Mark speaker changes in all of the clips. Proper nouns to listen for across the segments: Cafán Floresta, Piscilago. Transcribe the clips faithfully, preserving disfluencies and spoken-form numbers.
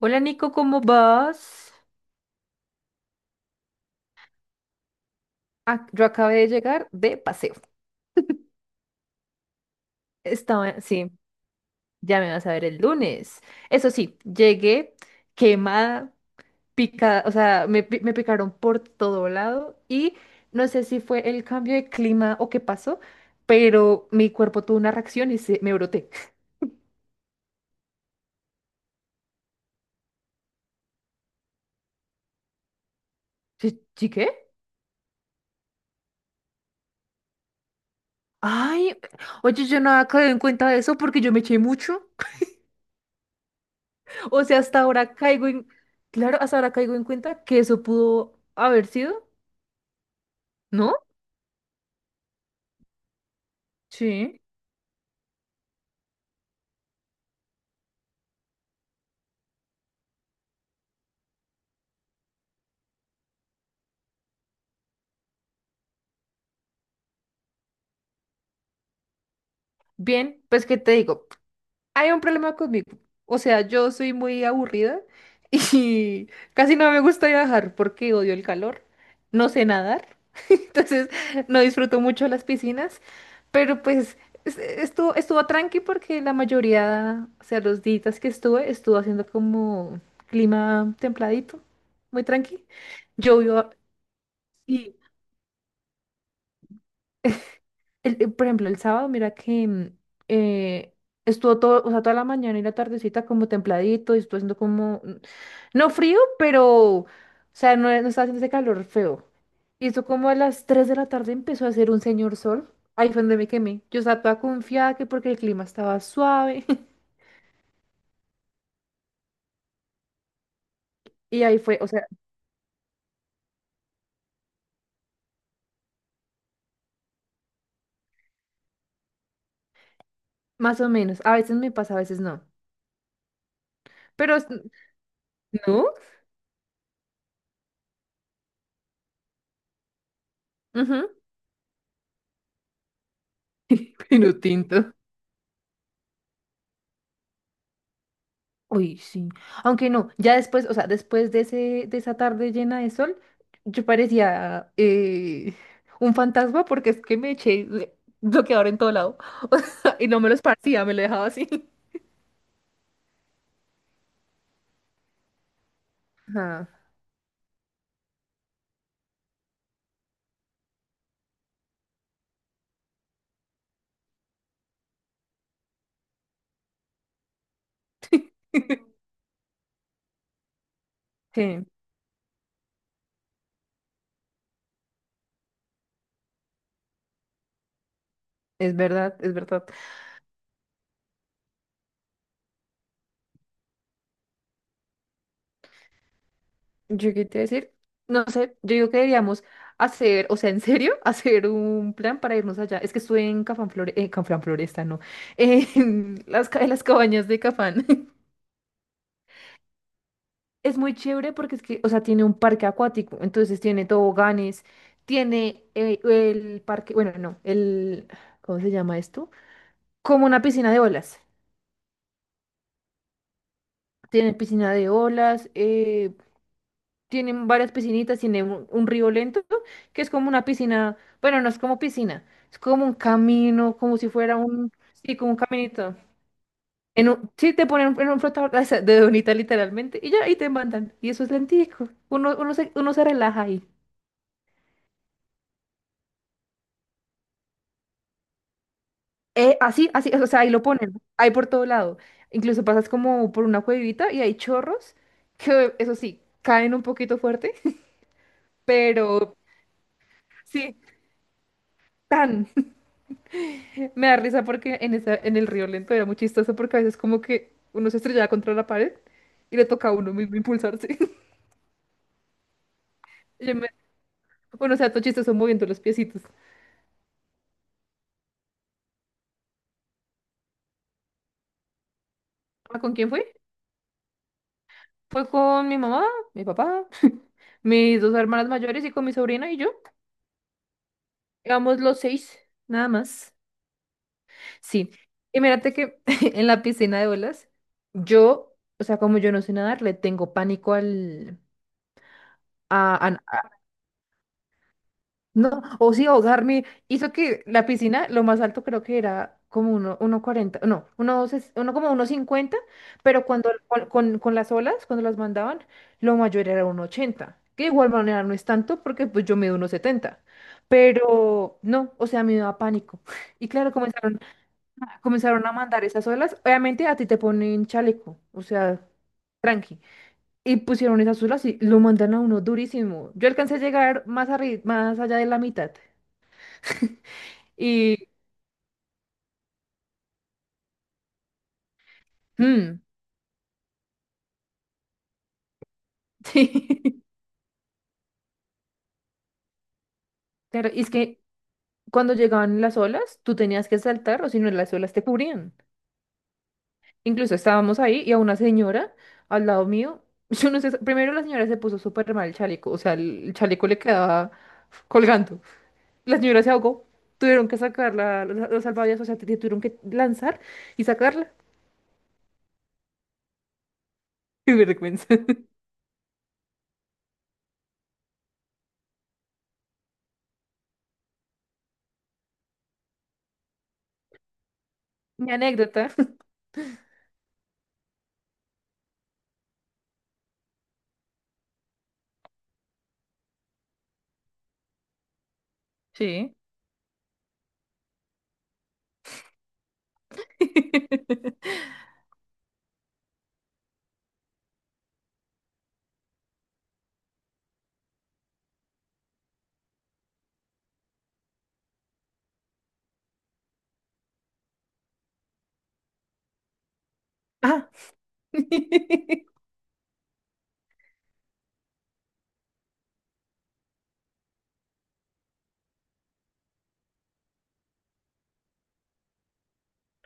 Speaker 1: Hola Nico, ¿cómo vas? Ah, yo acabé de llegar de paseo. Estaba, sí, ya me vas a ver el lunes. Eso sí, llegué quemada, picada, o sea, me, pi- me picaron por todo lado y no sé si fue el cambio de clima o qué pasó, pero mi cuerpo tuvo una reacción y se, me broté. ¿Sí, sí qué? Ay, oye, yo no había caído en cuenta de eso porque yo me eché mucho. O sea, hasta ahora caigo en, claro, hasta ahora caigo en cuenta que eso pudo haber sido. ¿No? Sí. Bien, pues ¿qué te digo? Hay un problema conmigo. O sea, yo soy muy aburrida y casi no me gusta viajar porque odio el calor. No sé nadar, entonces no disfruto mucho las piscinas, pero pues es- estuvo, estuvo tranqui porque la mayoría, o sea, los días que estuve, estuvo haciendo como clima templadito, muy tranqui. Llovió. El- eh, por ejemplo, el sábado, mira que mm, eh, estuvo todo, o sea, toda la mañana y la tardecita como templadito y estuvo haciendo como, mm, no frío, pero, o sea, no, no estaba haciendo ese calor feo. Y eso como a las tres de la tarde empezó a hacer un señor sol. Ahí fue donde me quemé. Yo estaba toda confiada que porque el clima estaba suave. Y ahí fue, o sea, más o menos. A veces me pasa, a veces no. Pero, es- ¿no? Ujú. Vino tinto. Uy, sí. Aunque no, ya después, o sea, después de ese, de esa tarde llena de sol, yo parecía eh, un fantasma porque es que me eché de- bloqueador en todo lado. O sea, y no me lo esparcía, me lo dejaba así. Ajá, sí, es verdad, es verdad. Yo qué te iba a decir, no sé, yo digo que deberíamos hacer, o sea, en serio, hacer un plan para irnos allá. Es que estuve en Cafán Flore, eh, Cafán Floresta, no, en las, ca- en las cabañas de Cafán. Es muy chévere porque es que, o sea, tiene un parque acuático, entonces tiene toboganes, tiene eh, el parque, bueno, no, el, ¿cómo se llama esto? Como una piscina de olas. Tiene piscina de olas, eh, tienen varias piscinitas, tiene un, un río lento, que es como una piscina, bueno, no es como piscina, es como un camino, como si fuera un, sí, como un caminito. En un, sí, te ponen en un flotador o sea, de donita literalmente, y ya ahí te mandan. Y eso es lentico. Uno, uno se, uno se relaja ahí. Eh, así, así, o sea, ahí lo ponen, ahí por todo lado. Incluso pasas como por una cuevita y hay chorros que, eso sí, caen un poquito fuerte. Pero sí, tan. Me da risa porque en esa, en el río lento era muy chistoso porque a veces como que uno se estrellaba contra la pared y le toca a uno mismo impulsarse. Y yo me- Bueno, o sea, todo chistoso moviendo los piecitos. Ah, ¿con quién fue? Fue con mi mamá, mi papá, mis dos hermanas mayores y con mi sobrina y yo. Éramos los seis, nada más. Sí. Y mírate que en la piscina de olas, yo, o sea, como yo no sé nadar, le tengo pánico al... A, a- a- no, o sí, ahogarme. Hizo que la piscina, lo más alto creo que era como uno, uno cuarenta no, uno, doce- uno como uno cincuenta, pero cuando con, con, con las olas, cuando las mandaban, lo mayor era uno ochenta, que de igual manera no es tanto porque pues yo mido uno setenta, pero no, o sea, me daba pánico. Y claro, comenzaron comenzaron a mandar esas olas. Obviamente a ti te ponen chaleco, o sea, tranqui. Y pusieron esas olas y lo mandan a uno durísimo. Yo alcancé a llegar más arri- más allá de la mitad. Y mm, sí. Claro, y es que cuando llegaban las olas, tú tenías que saltar o si no las olas te cubrían. Incluso estábamos ahí y a una señora al lado mío, yo no sé, primero la señora se puso súper mal el chaleco, o sea, el chaleco le quedaba colgando. La señora se ahogó. Tuvieron que sacarla, los, los salvavidas, o sea, te- te tuvieron que lanzar y sacarla. Qué vergüenza. Mi anécdota. Sí. Ah.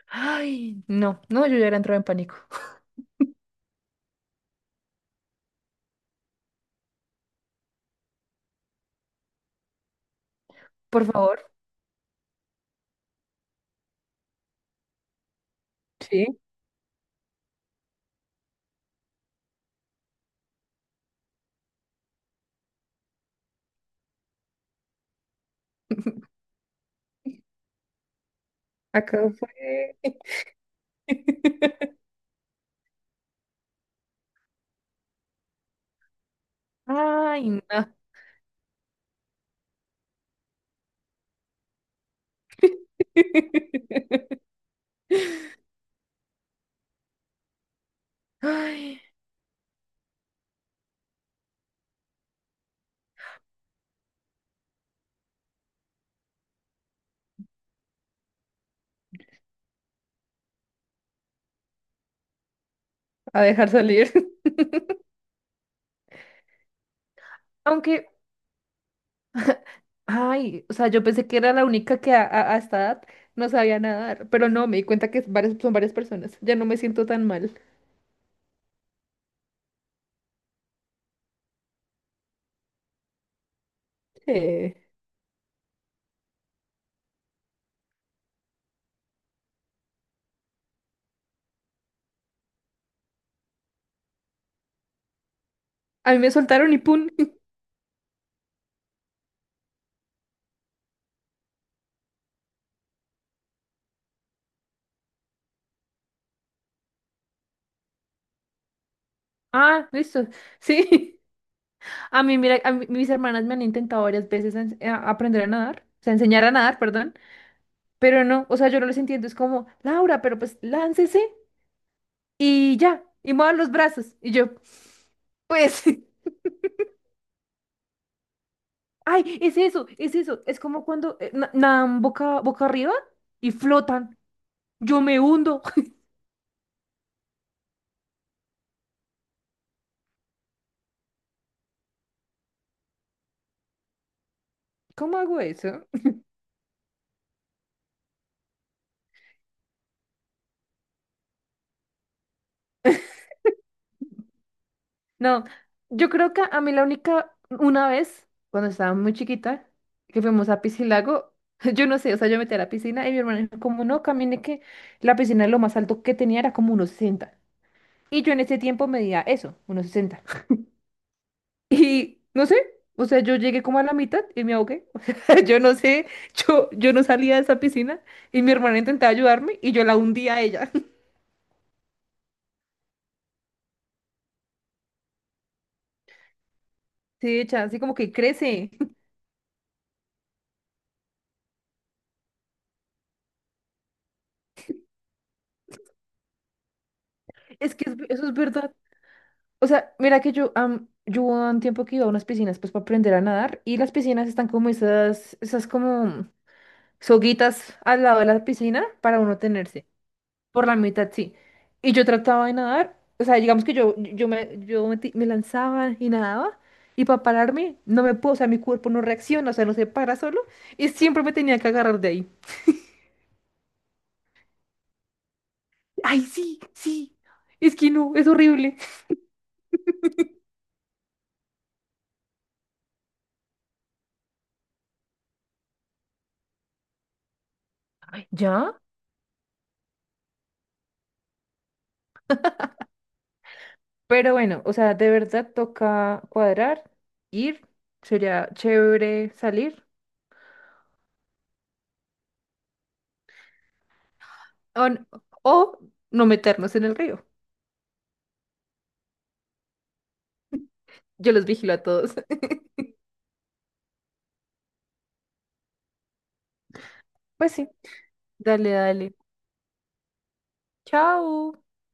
Speaker 1: Ay, no, no, yo ya era entrado en pánico. Por favor. Sí, acá fue. Ay, no. Ay, a dejar salir. Aunque... Ay, o sea, yo pensé que era la única que a, a- a esta edad no sabía nadar, pero no, me di cuenta que es varias, son varias personas. Ya no me siento tan mal. Sí. A mí me soltaron y ¡pum! Ah, listo. Sí. A mí, mira, a mí- mis hermanas me han intentado varias veces ens- eh, a- aprender a nadar, o sea, enseñar a nadar, perdón, pero no, o sea, yo no les entiendo. Es como, Laura, pero pues láncese y ya, y mueva los brazos. Y yo, pues... Ay, es eso, es eso. Es como cuando eh, na- nadan boca, boca arriba y flotan. Yo me hundo. ¿Cómo hago eso? No, yo creo que a mí la única, una vez, cuando estaba muy chiquita, que fuimos a Piscilago, yo no sé, o sea, yo metí a la piscina y mi hermana dijo, como no, camine, que la piscina lo más alto que tenía era como unos sesenta. Y yo en ese tiempo medía eso, unos sesenta. Y no sé, o sea, yo llegué como a la mitad y me ahogué. O sea, yo no sé, yo, yo, no salía de esa piscina y mi hermana intentaba ayudarme y yo la hundía a ella. Sí, echa, así como que crece. Es que es- eso es verdad. O sea, mira que yo, am, yo hubo un tiempo que iba a unas piscinas pues para aprender a nadar, y las piscinas están como esas, esas, como soguitas al lado de la piscina para uno tenerse, por la mitad, sí. Y yo trataba de nadar, o sea, digamos que yo, yo me, yo me, ti- me lanzaba y nadaba, y para pararme no me puedo, o sea, mi cuerpo no reacciona, o sea, no se para solo, y siempre me tenía que agarrar de ahí. Ay, sí, sí, es que no, es horrible. Ay, ¿ya? Pero bueno, o sea, de verdad toca cuadrar, ir, sería chévere salir o, n- o no meternos en el río. Yo los vigilo a todos. Pues sí, dale, dale. Chao.